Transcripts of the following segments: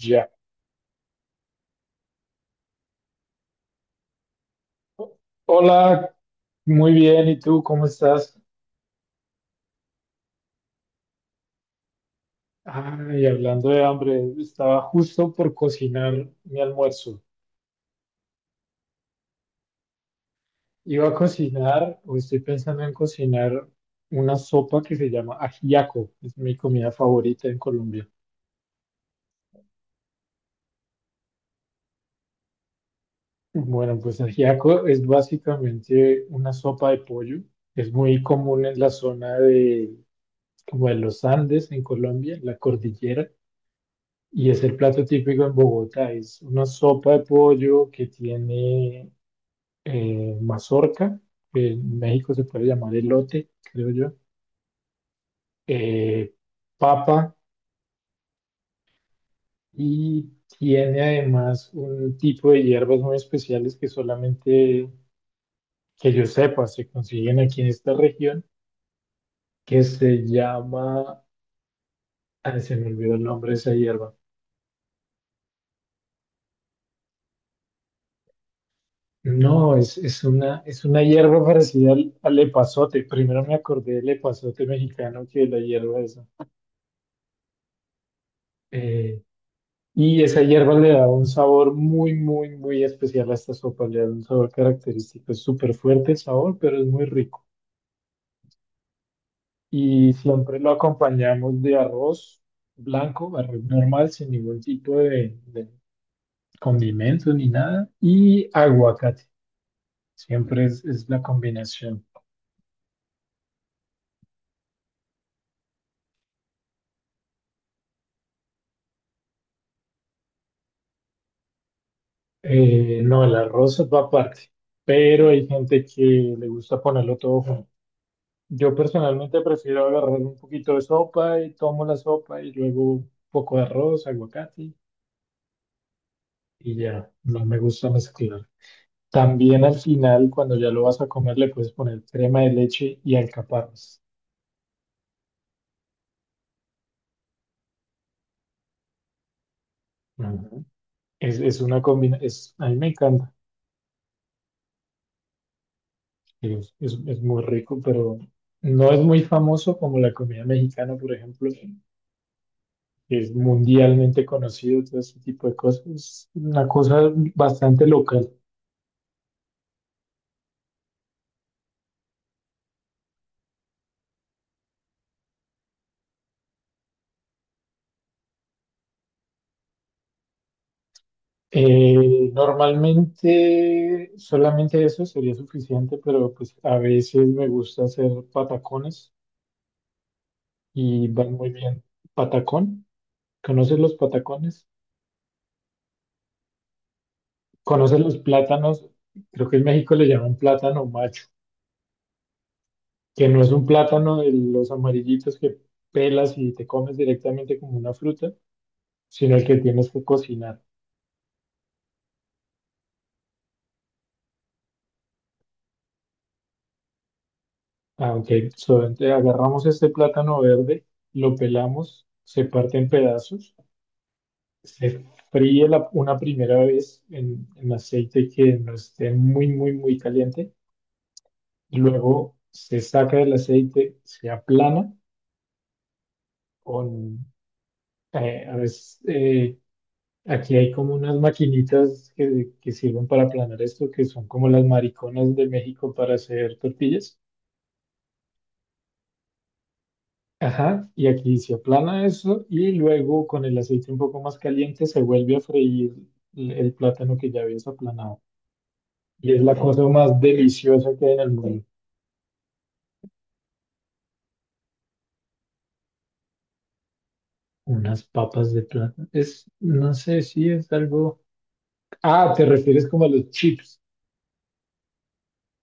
Ya. Hola, muy bien. ¿Y tú cómo estás? Ay, hablando de hambre, estaba justo por cocinar mi almuerzo. Iba a cocinar, o estoy pensando en cocinar una sopa que se llama ajiaco. Es mi comida favorita en Colombia. Bueno, pues ajiaco es básicamente una sopa de pollo. Es muy común en la zona de, como de los Andes, en Colombia, en la cordillera. Y es el plato típico en Bogotá, es una sopa de pollo que tiene mazorca, que en México se puede llamar elote, creo yo, eh, papa y tiene además un tipo de hierbas muy especiales que solamente que yo sepa se consiguen aquí en esta región, que se llama, se me olvidó el nombre de esa hierba. No, es una hierba parecida al epazote. Primero me acordé del epazote mexicano que de la hierba esa. Eh, y esa hierba le da un sabor muy, muy, muy especial a esta sopa. Le da un sabor característico. Es súper fuerte el sabor, pero es muy rico. Y siempre lo acompañamos de arroz blanco, arroz normal, sin ningún tipo de condimento ni nada. Y aguacate. Siempre es la combinación. No, el arroz va aparte, pero hay gente que le gusta ponerlo todo junto. Yo personalmente prefiero agarrar un poquito de sopa y tomo la sopa y luego un poco de arroz, aguacate y ya, no me gusta mezclar. También al final, cuando ya lo vas a comer, le puedes poner crema de leche y alcaparras. Ujú. Es una combinación, a mí me encanta, es muy rico, pero no es muy famoso como la comida mexicana, por ejemplo. Que es mundialmente conocido, todo este tipo de cosas, es una cosa bastante local. Normalmente solamente eso sería suficiente, pero pues a veces me gusta hacer patacones y van muy bien. ¿Patacón? ¿Conoces los patacones? ¿Conoces los plátanos? Creo que en México le llaman plátano macho, que no es un plátano de los amarillitos que pelas y te comes directamente como una fruta, sino el que tienes que cocinar. Ah, ok. So, agarramos este plátano verde, lo pelamos, se parte en pedazos, se una primera vez en aceite que no esté muy, muy, muy caliente. Luego se saca del aceite, se aplana con, a veces, aquí hay como unas maquinitas que sirven para aplanar esto, que son como las mariconas de México para hacer tortillas. Ajá, y aquí se aplana eso y luego con el aceite un poco más caliente se vuelve a freír el plátano que ya habías aplanado. Y es la cosa más deliciosa que hay en el mundo. Unas papas de plátano. Es, no sé si es algo... Ah, te refieres como a los chips,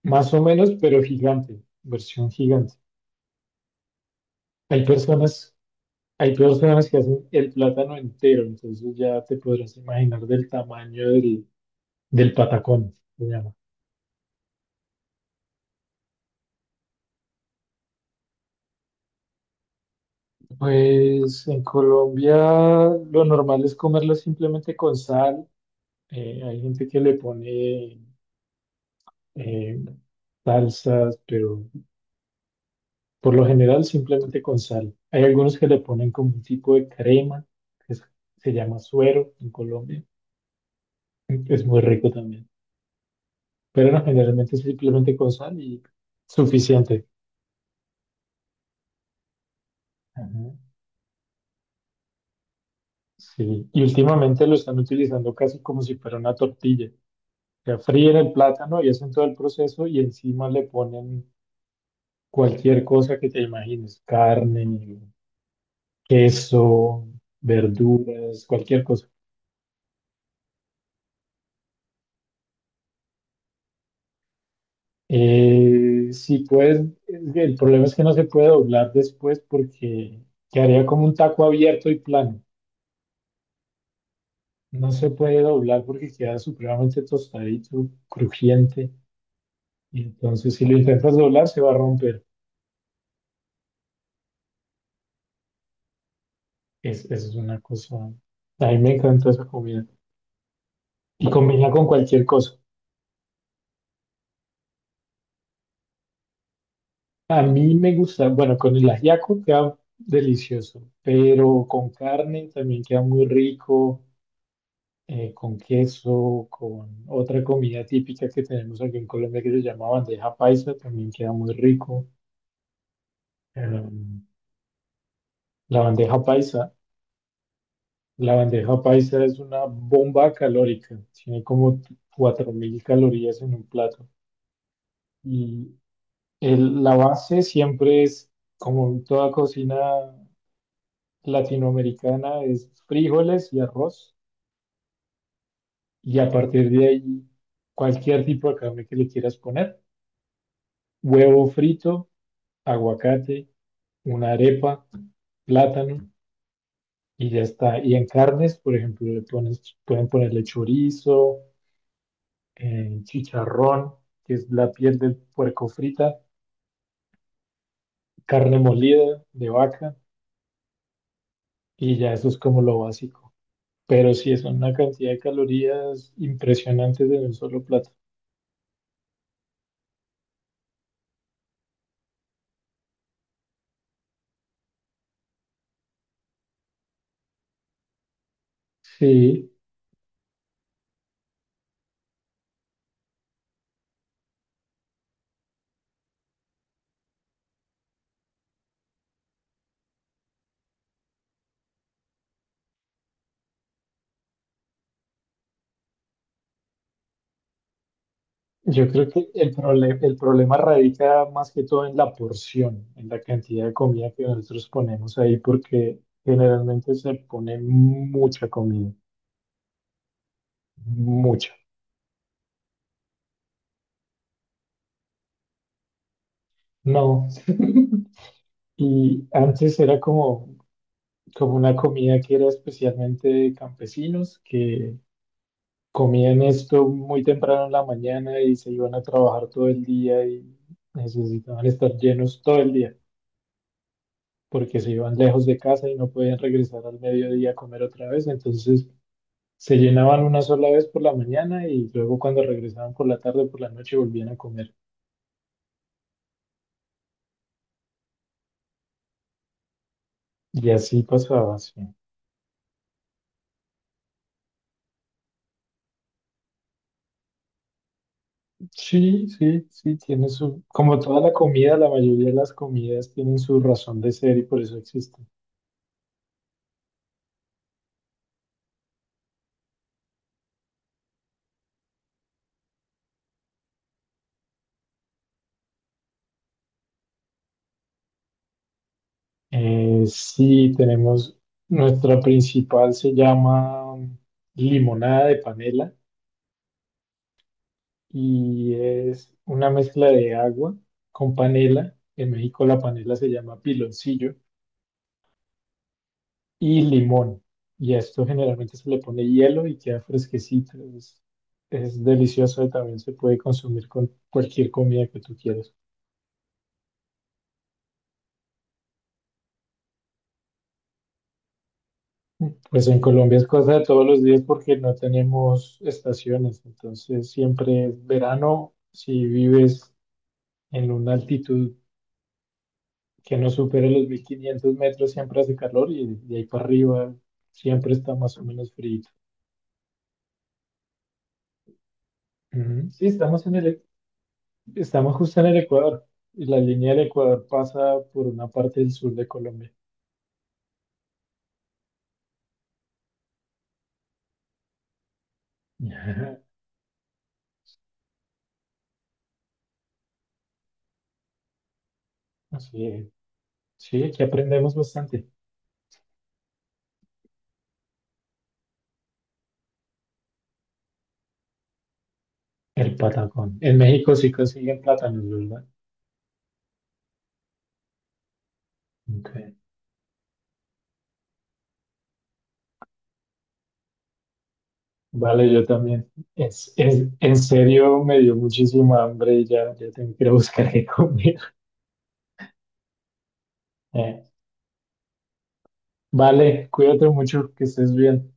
más o menos, pero gigante, versión gigante. Hay personas, hay personas que hacen el plátano entero, entonces ya te podrás imaginar del tamaño del, del patacón, se llama. Pues en Colombia lo normal es comerlo simplemente con sal. Hay gente que le pone eh, salsas, pero por lo general simplemente con sal. Hay algunos que le ponen como un tipo de crema, que es- se llama suero en Colombia. Es muy rico también. Pero no, generalmente es simplemente con sal y suficiente. Ajá. Sí. Y últimamente lo están utilizando casi como si fuera una tortilla. Sea, fríen el plátano y hacen todo el proceso y encima le ponen cualquier cosa que te imagines, carne, queso, verduras, cualquier cosa. Si puedes, es que el problema es que no se puede doblar después porque quedaría como un taco abierto y plano. No se puede doblar porque queda supremamente tostadito, crujiente. Y entonces si lo intentas doblar se va a romper. Esa es una cosa. A mí me encanta esa comida. Y combina con cualquier cosa. A mí me gusta, bueno, con el ajiaco queda delicioso, pero con carne también queda muy rico, con queso, con otra comida típica que tenemos aquí en Colombia que se llama bandeja paisa, también queda muy rico. Em, la bandeja paisa, la bandeja paisa es una bomba calórica, tiene como 4.000 calorías en un plato. Y la base siempre es, como en toda cocina latinoamericana es frijoles y arroz, y a partir de ahí cualquier tipo de carne que le quieras poner, huevo frito, aguacate, una arepa, plátano, y ya está. Y en carnes, por ejemplo, le pones, pueden ponerle chorizo, chicharrón, que es la piel del puerco frita, carne molida de vaca, y ya eso es como lo básico. Pero sí, es una cantidad de calorías impresionantes en un solo plato. Sí. Yo creo que el problema radica más que todo en la porción, en la cantidad de comida que nosotros ponemos ahí, porque generalmente se pone mucha comida, mucha. No. Y antes era como, como una comida que era especialmente de campesinos, que comían esto muy temprano en la mañana y se iban a trabajar todo el día y necesitaban estar llenos todo el día. Porque se iban lejos de casa y no podían regresar al mediodía a comer otra vez, entonces se llenaban una sola vez por la mañana y luego cuando regresaban por la tarde, por la noche volvían a comer. Y así pasaba, sí. Sí, sí, sí, tiene su, como toda la comida, la mayoría de las comidas tienen su razón de ser y por eso existen. Sí, tenemos, nuestra principal se llama limonada de panela y es una mezcla de agua con panela. En México la panela se llama piloncillo y limón. Y a esto generalmente se le pone hielo y queda fresquecito. Es delicioso y también se puede consumir con cualquier comida que tú quieras. Pues en Colombia es cosa de todos los días porque no tenemos estaciones. Entonces siempre es verano si vives en una altitud que no supere los 1.500 metros siempre hace calor y de ahí para arriba siempre está más o menos frío. Ujú. Sí, estamos en estamos justo en el Ecuador y la línea del Ecuador pasa por una parte del sur de Colombia. Ajá. Así sí, aquí aprendemos bastante. El patacón. En México sí consiguen plátanos, ¿verdad? Okay. Vale, yo también. En serio, me dio muchísima hambre y ya, ya tengo que ir a buscar qué comer. Eh, vale, cuídate mucho, que estés bien.